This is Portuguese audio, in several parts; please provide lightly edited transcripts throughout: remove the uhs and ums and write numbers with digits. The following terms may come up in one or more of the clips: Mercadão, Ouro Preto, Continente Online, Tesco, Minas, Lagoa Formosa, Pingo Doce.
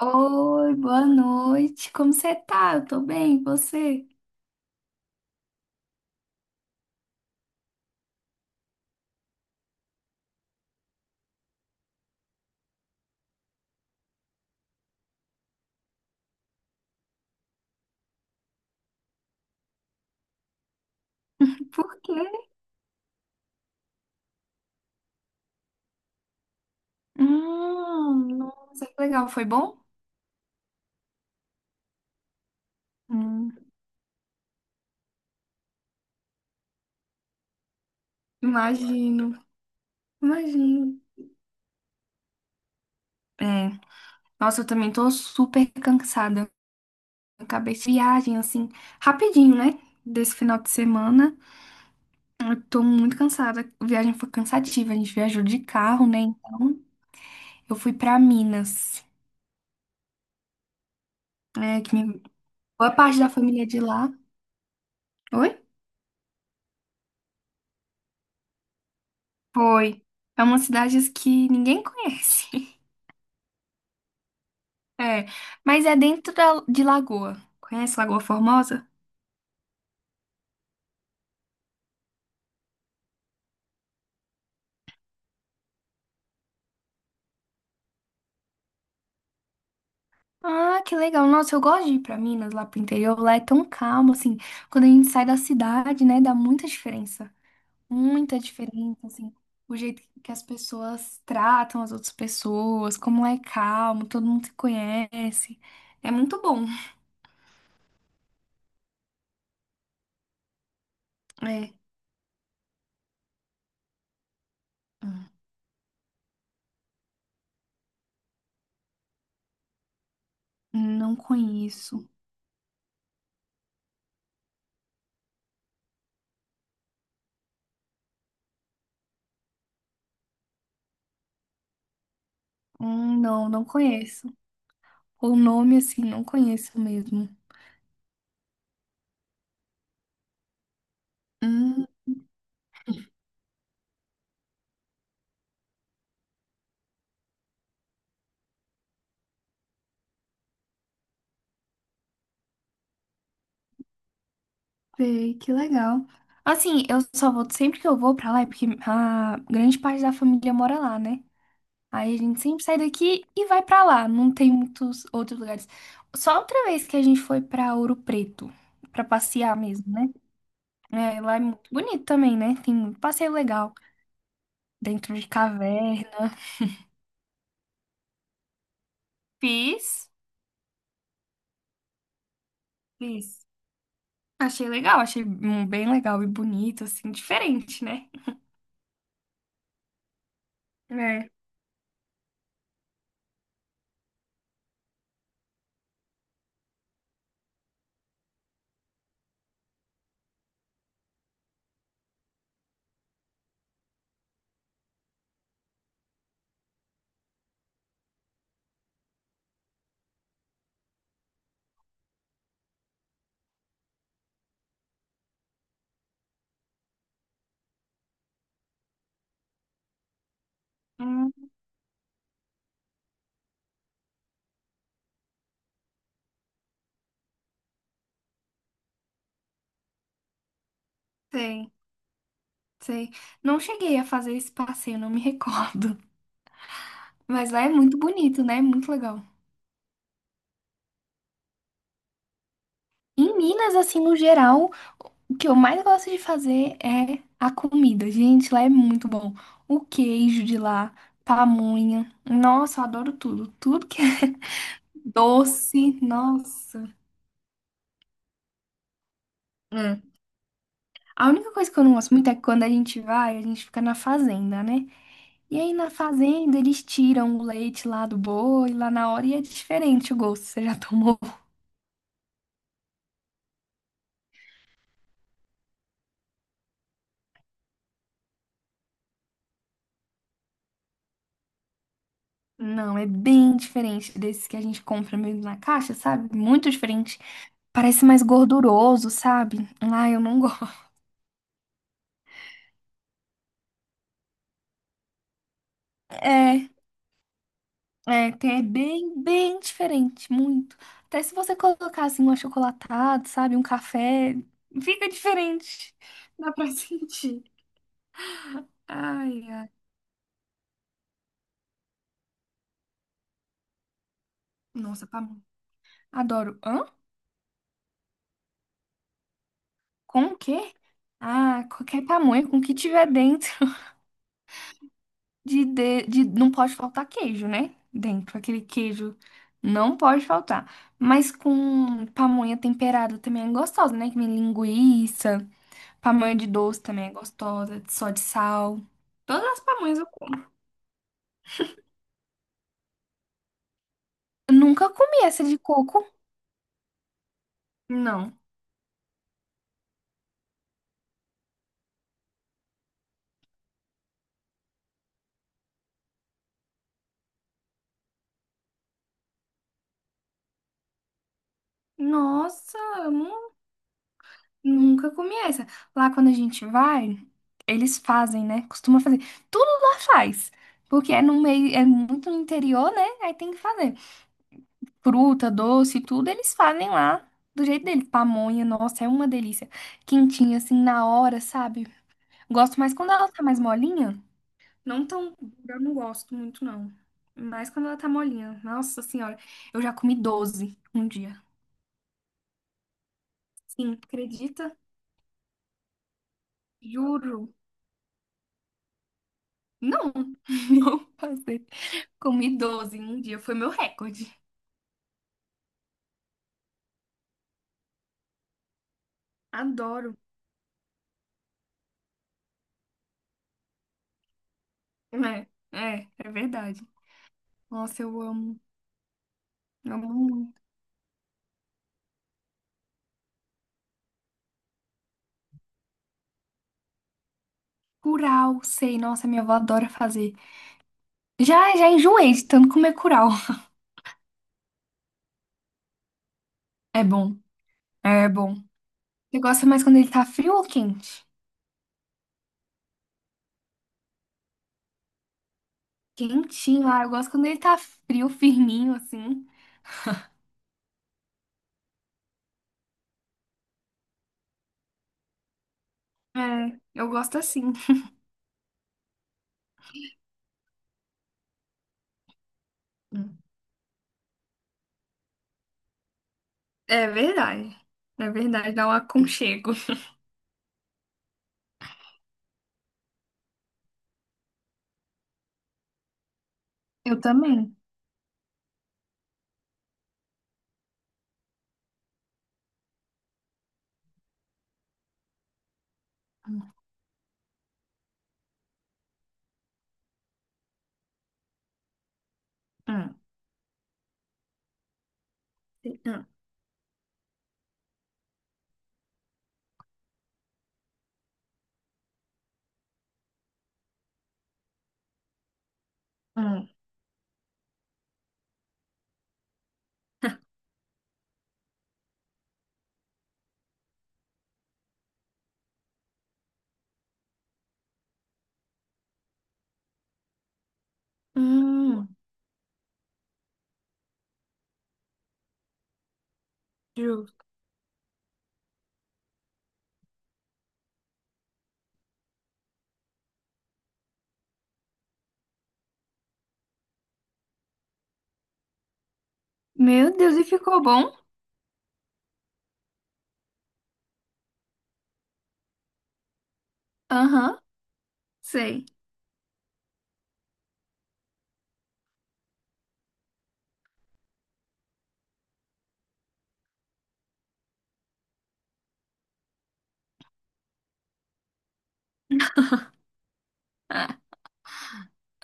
Oi, boa noite. Como você tá? Eu tô bem, e você? Por quê? Nossa, que legal. Foi bom? Hum, Imagino, imagino. É, nossa, eu também tô super cansada. Eu acabei de viagem, assim, rapidinho, né? Desse final de semana. Eu tô muito cansada. A viagem foi cansativa. A gente viajou de carro, né? Então, eu fui pra Minas, né? Que boa parte da família é de lá. Oi? Foi. É umas cidades que ninguém conhece. É, mas é dentro de Lagoa. Conhece Lagoa Formosa? Ah, que legal. Nossa, eu gosto de ir pra Minas, lá pro interior. Lá é tão calmo, assim. Quando a gente sai da cidade, né, dá muita diferença. Muita diferença, assim. O jeito que as pessoas tratam as outras pessoas, como lá é calmo, todo mundo se conhece. É muito bom. É. Não conheço. Não, não conheço. O nome, assim, não conheço mesmo. Hum, Sei, que legal. Assim, eu só vou, sempre que eu vou pra lá, é porque a grande parte da família mora lá, né? Aí a gente sempre sai daqui e vai pra lá. Não tem muitos outros lugares. Só outra vez que a gente foi pra Ouro Preto, pra passear mesmo, né? É, lá é muito bonito também, né? Tem muito passeio legal dentro de caverna. Fiz, fiz. Achei legal, achei bem legal e bonito, assim, diferente, né? É. Hum, Sei. Sei. Não cheguei a fazer esse passeio, não me recordo. Mas lá é muito bonito, né? Muito legal. Em Minas, assim, no geral, o que eu mais gosto de fazer é a comida. Gente, lá é muito bom. O queijo de lá, pamonha. Nossa, eu adoro tudo. Tudo que é doce, nossa. Hum. A única coisa que eu não gosto muito é que quando a gente vai, a gente fica na fazenda, né? E aí na fazenda eles tiram o leite lá do boi, lá na hora, e é diferente o gosto. Você já tomou? Não, é bem diferente desses que a gente compra mesmo na caixa, sabe? Muito diferente. Parece mais gorduroso, sabe? Ah, eu não gosto. É, é bem, bem diferente, muito. Até se você colocar assim um achocolatado, sabe? Um café, fica diferente. Dá pra sentir. Ai, ai. Nossa, pamonha. Adoro. Hã? Com o quê? Ah, qualquer pamonha, com o que tiver dentro. Não pode faltar queijo, né? Dentro, aquele queijo não pode faltar. Mas com pamonha temperada também é gostosa, né? Que vem linguiça, pamonha de doce também é gostosa, só de sal. Todas as pamonhas eu como. Eu nunca comi essa de coco. Não. Nossa, eu nu- nunca comi essa. Lá quando a gente vai, eles fazem, né? Costuma fazer. Tudo lá faz. Porque é no meio, é muito no interior, né? Aí tem que fazer. Fruta, doce, tudo, eles fazem lá do jeito dele. Pamonha, nossa, é uma delícia. Quentinha, assim, na hora, sabe? Gosto mais quando ela tá mais molinha. Não tão dura, eu não gosto muito, não. Mas quando ela tá molinha. Nossa senhora, eu já comi 12 um dia. Sim, acredita? Juro. Não, não passei. Comi 12 em um dia, foi meu recorde. Adoro. É, é, é verdade. Nossa, eu amo. Amo muito. Curau, sei. Nossa, minha avó adora fazer. Já, já enjoei de tanto comer curau. É bom. É bom. Você gosta mais quando ele tá frio ou quente? Quentinho, ah, eu gosto quando ele tá frio, firminho, assim. É, eu gosto assim. Hum. É verdade. É verdade, dá um aconchego. Eu também. Hum, hum, hum, hum. Hum, Justo. Meu Deus, e ficou bom? Aham, sei. Ah,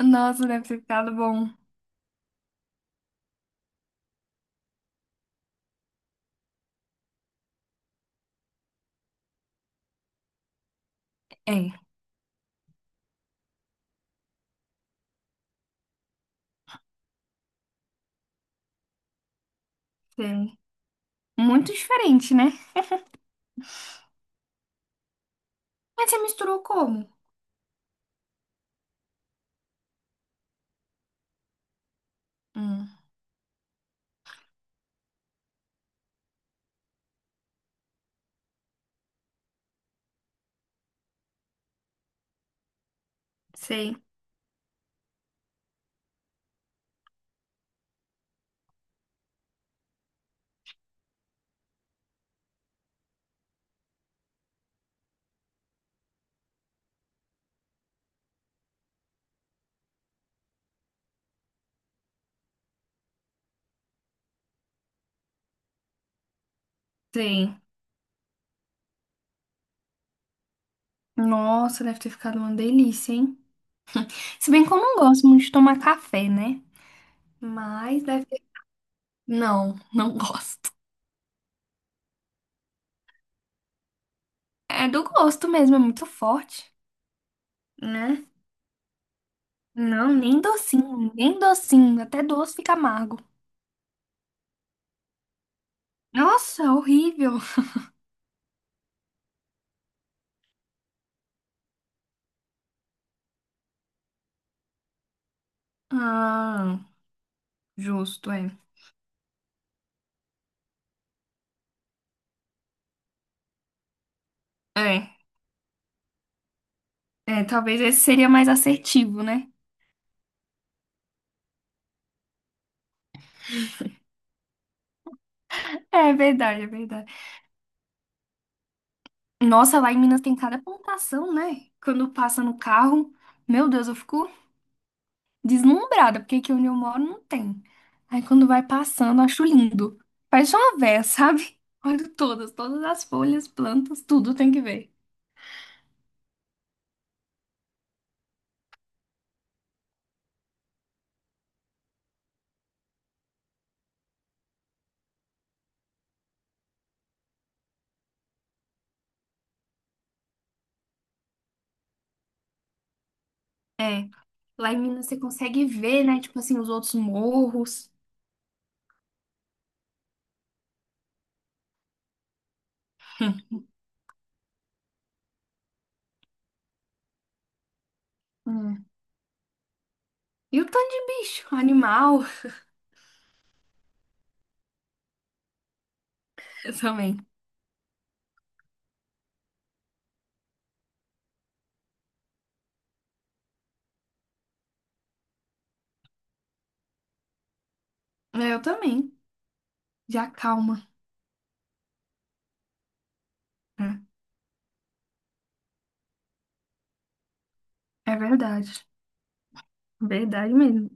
nossa, deve ter ficado bom. É, sei. Muito diferente, né? Mas você misturou como? Hum, Sei, sei. Nossa, deve ter ficado uma delícia, hein? Se bem que eu não gosto muito de tomar café, né? Mas deve ter... Não, não gosto. É do gosto mesmo, é muito forte, né? Não, nem docinho, nem docinho. Até doce fica amargo. Nossa, horrível. Ah, justo, é. É, Talvez esse seria mais assertivo, né? É verdade, é verdade. Nossa, lá em Minas tem cada plantação, né? Quando passa no carro, meu Deus, eu fico deslumbrada, porque aqui onde eu moro não tem. Aí quando vai passando, eu acho lindo. Parece uma véia, sabe? Olho todas, todas as folhas, plantas, tudo tem que ver. É, lá em Minas você consegue ver, né? Tipo assim, os outros morros. Hum. E o tanto de bicho, animal. Eu também. É, eu também. Já calma. É, é verdade. Verdade mesmo.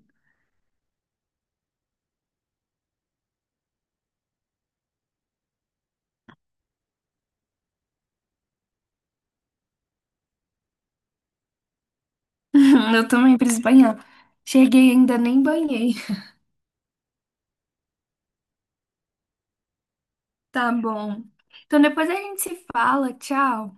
Eu também preciso banhar. Cheguei, e ainda nem banhei. Tá bom. Então depois a gente se fala. Tchau.